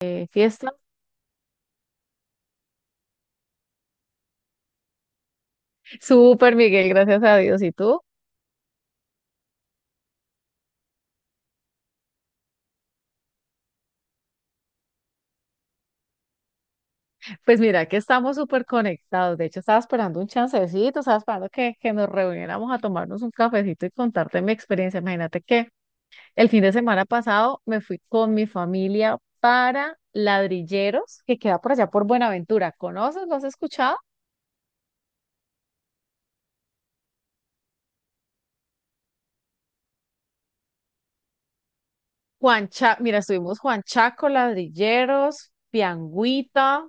Fiesta. Súper, Miguel, gracias a Dios. ¿Y tú? Pues mira que estamos súper conectados. De hecho, estaba esperando un chancecito, estaba esperando que nos reuniéramos a tomarnos un cafecito y contarte mi experiencia. Imagínate que el fin de semana pasado me fui con mi familia para Ladrilleros, que queda por allá por Buenaventura. ¿Conoces? ¿Lo has escuchado? Mira, estuvimos Juan Chaco, Ladrilleros, Piangüita.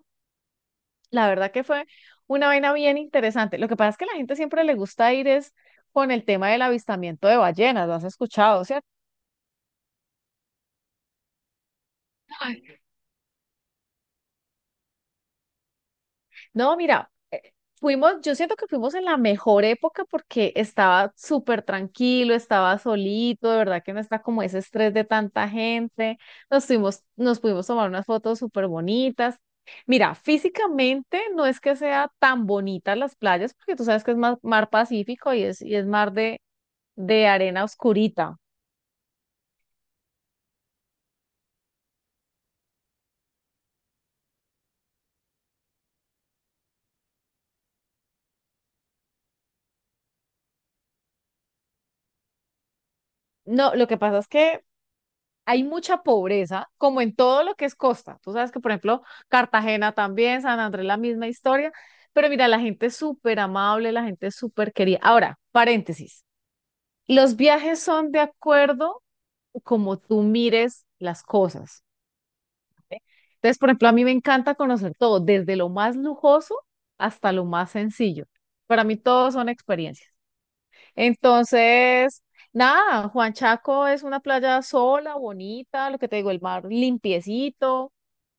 La verdad que fue una vaina bien interesante. Lo que pasa es que a la gente siempre le gusta ir es con el tema del avistamiento de ballenas, lo has escuchado, ¿cierto? Ay. No, mira, fuimos, yo siento que fuimos en la mejor época porque estaba súper tranquilo, estaba solito, de verdad que no está como ese estrés de tanta gente. Nos fuimos, nos pudimos tomar unas fotos súper bonitas. Mira, físicamente no es que sea tan bonitas las playas, porque tú sabes que es mar, mar Pacífico y es mar de arena oscurita. No, lo que pasa es que hay mucha pobreza, como en todo lo que es costa. Tú sabes que, por ejemplo, Cartagena también, San Andrés, la misma historia. Pero mira, la gente es súper amable, la gente es súper querida. Ahora, paréntesis. Los viajes son de acuerdo como tú mires las cosas. ¿Sí? Entonces, por ejemplo, a mí me encanta conocer todo, desde lo más lujoso hasta lo más sencillo. Para mí, todo son experiencias. Entonces, nada, Juan Chaco es una playa sola, bonita, lo que te digo, el mar limpiecito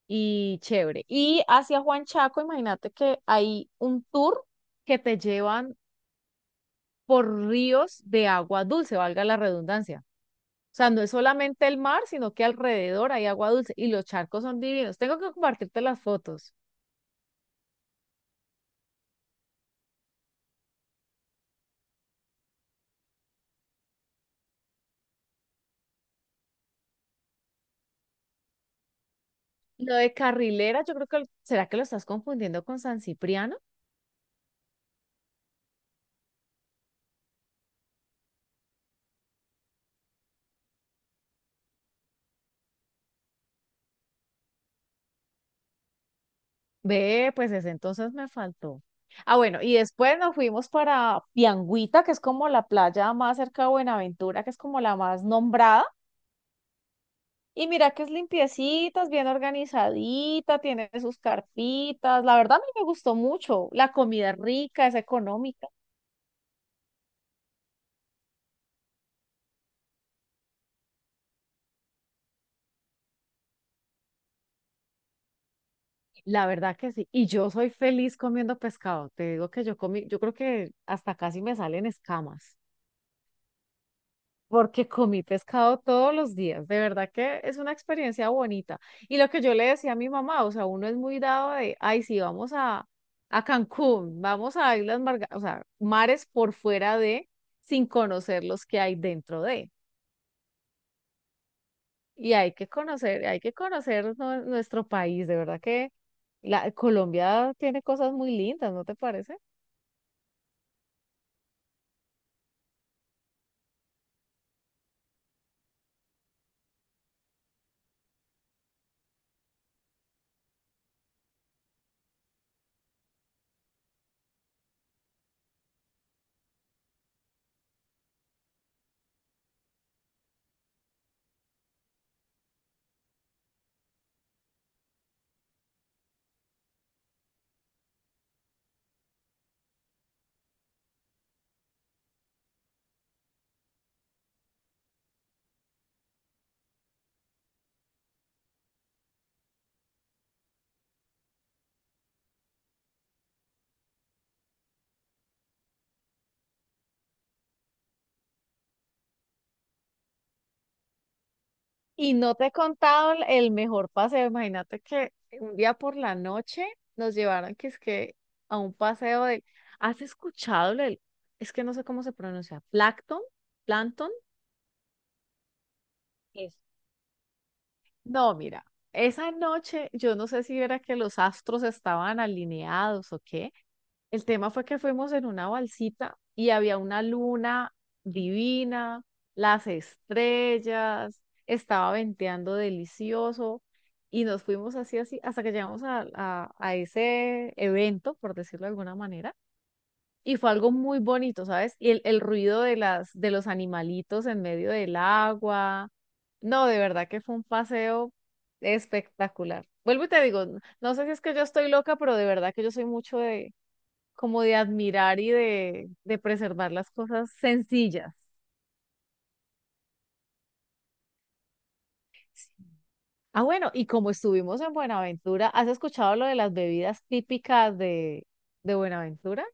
y chévere. Y hacia Juan Chaco, imagínate que hay un tour que te llevan por ríos de agua dulce, valga la redundancia. O sea, no es solamente el mar, sino que alrededor hay agua dulce y los charcos son divinos. Tengo que compartirte las fotos. Lo de Carrilera, yo creo que, ¿será que lo estás confundiendo con San Cipriano? Ve, pues ese entonces me faltó. Ah, bueno, y después nos fuimos para Piangüita, que es como la playa más cerca de Buenaventura, que es como la más nombrada. Y mira que es limpiecita, es bien organizadita, tiene sus carpitas. La verdad a mí me gustó mucho. La comida es rica, es económica. La verdad que sí. Y yo soy feliz comiendo pescado. Te digo que yo comí, yo creo que hasta casi me salen escamas, porque comí pescado todos los días. De verdad que es una experiencia bonita. Y lo que yo le decía a mi mamá, o sea, uno es muy dado de, ay, sí, vamos a Cancún, vamos a Islas Marga, o sea, mares por fuera de, sin conocer los que hay dentro de. Y hay que conocer nuestro país. De verdad que la, Colombia tiene cosas muy lindas, ¿no te parece? Y no te he contado el mejor paseo. Imagínate que un día por la noche nos llevaron que es que a un paseo de... ¿Has escuchado el... Es que no sé cómo se pronuncia. ¿Plancton? ¿Plancton? Es- No, mira. Esa noche yo no sé si era que los astros estaban alineados o qué. El tema fue que fuimos en una balsita y había una luna divina, las estrellas, estaba venteando delicioso y nos fuimos así, así, hasta que llegamos a, a ese evento, por decirlo de alguna manera. Y fue algo muy bonito, ¿sabes? Y el ruido de las, de los animalitos en medio del agua. No, de verdad que fue un paseo espectacular. Vuelvo y te digo, no sé si es que yo estoy loca, pero de verdad que yo soy mucho de como de admirar y de preservar las cosas sencillas. Ah, bueno, y como estuvimos en Buenaventura, ¿has escuchado lo de las bebidas típicas de Buenaventura?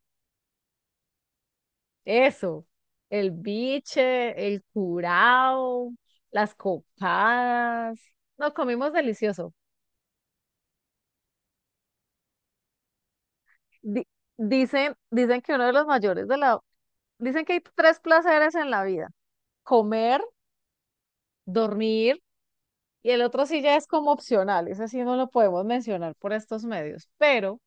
Eso, el biche, el curao, las copadas. No, comimos delicioso. Di- dicen, dicen que uno de los mayores de la... Dicen que hay tres placeres en la vida. Comer, dormir. Y el otro sí ya es como opcional, ese sí no lo podemos mencionar por estos medios, pero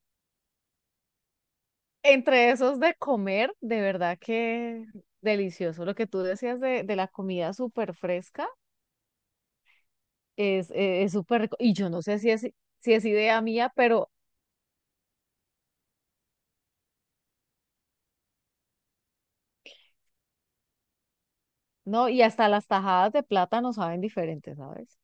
entre esos de comer, de verdad que delicioso. Lo que tú decías de la comida súper fresca es súper rico. Y yo no sé si es, si es idea mía, pero no, y hasta las tajadas de plátano saben diferentes, ¿sabes?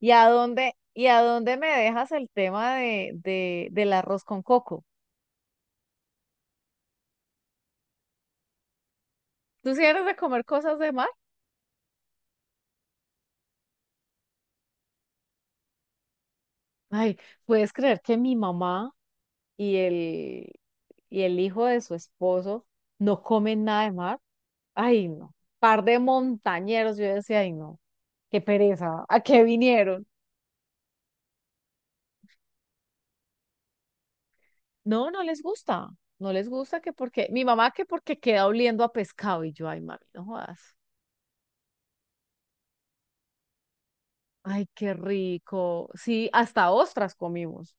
Y a dónde me dejas el tema de, del arroz con coco? ¿Tú sí eres de comer cosas de mar? Ay, ¿puedes creer que mi mamá y el, y el hijo de su esposo no comen nada de mar? Ay, no. Par de montañeros, yo decía, ay, no, qué pereza, ¿a qué vinieron? No, no les gusta, no les gusta que porque, mi mamá que porque queda oliendo a pescado y yo, ay, mami, no jodas. Ay, qué rico. Sí, hasta ostras comimos.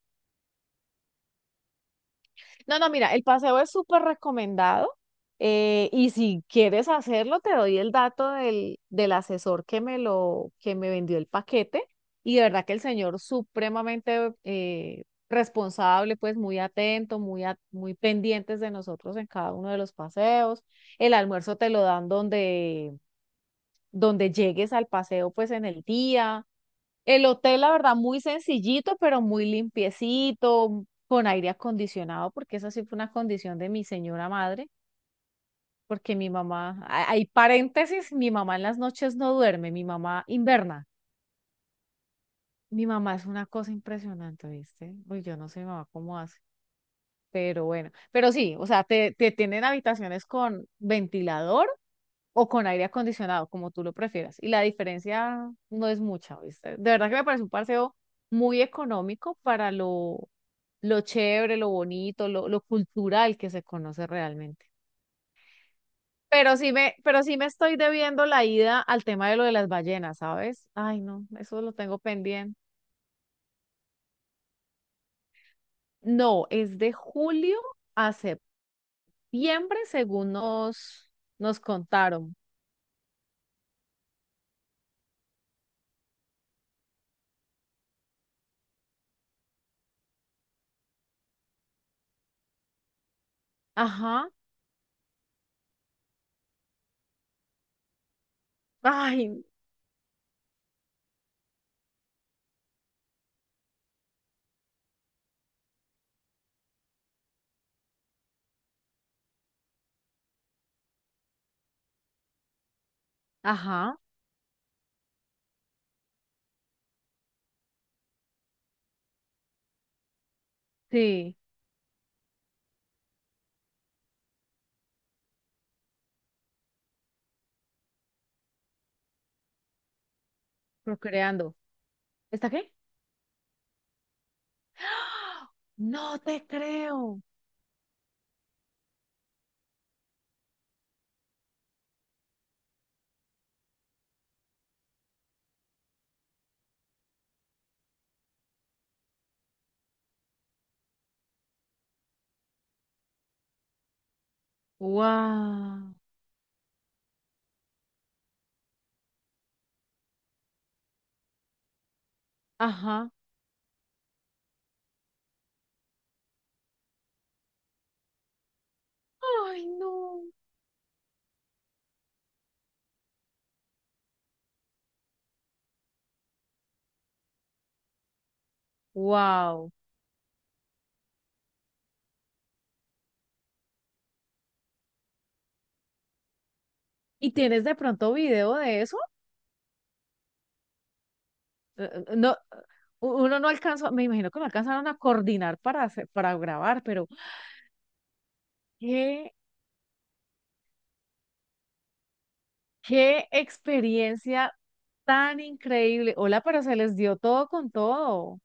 No, no, mira, el paseo es súper recomendado y si quieres hacerlo, te doy el dato del, del asesor que me lo, que me vendió el paquete y de verdad que el señor supremamente responsable, pues muy atento, muy, muy pendientes de nosotros en cada uno de los paseos. El almuerzo te lo dan donde, donde llegues al paseo, pues en el día. El hotel, la verdad, muy sencillito, pero muy limpiecito, con aire acondicionado, porque esa sí fue una condición de mi señora madre, porque mi mamá, hay paréntesis, mi mamá en las noches no duerme, mi mamá inverna. Mi mamá es una cosa impresionante, ¿viste? Uy, yo no sé mi mamá cómo hace, pero bueno, pero sí, o sea, te tienen habitaciones con ventilador o con aire acondicionado, como tú lo prefieras. Y la diferencia no es mucha, ¿viste? De verdad que me parece un paseo muy económico para lo chévere, lo bonito, lo cultural que se conoce realmente. Pero sí me estoy debiendo la ida al tema de lo de las ballenas, ¿sabes? Ay, no, eso lo tengo pendiente. No, es de julio a septiembre, según nos, nos contaron. Ajá. Ay, ajá. Sí, procreando. ¿Está qué? No te creo. Wow. Ajá. Ay, no. Wow. ¿Y tienes de pronto video de eso? No, uno no alcanzó, me imagino que no alcanzaron a coordinar para hacer- para grabar, pero qué, qué experiencia tan increíble. Hola, pero se les dio todo con todo.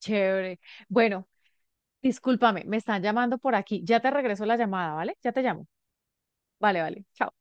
Chévere. Bueno, discúlpame, me están llamando por aquí. Ya te regreso la llamada, ¿vale? Ya te llamo. Vale, vale. Chao.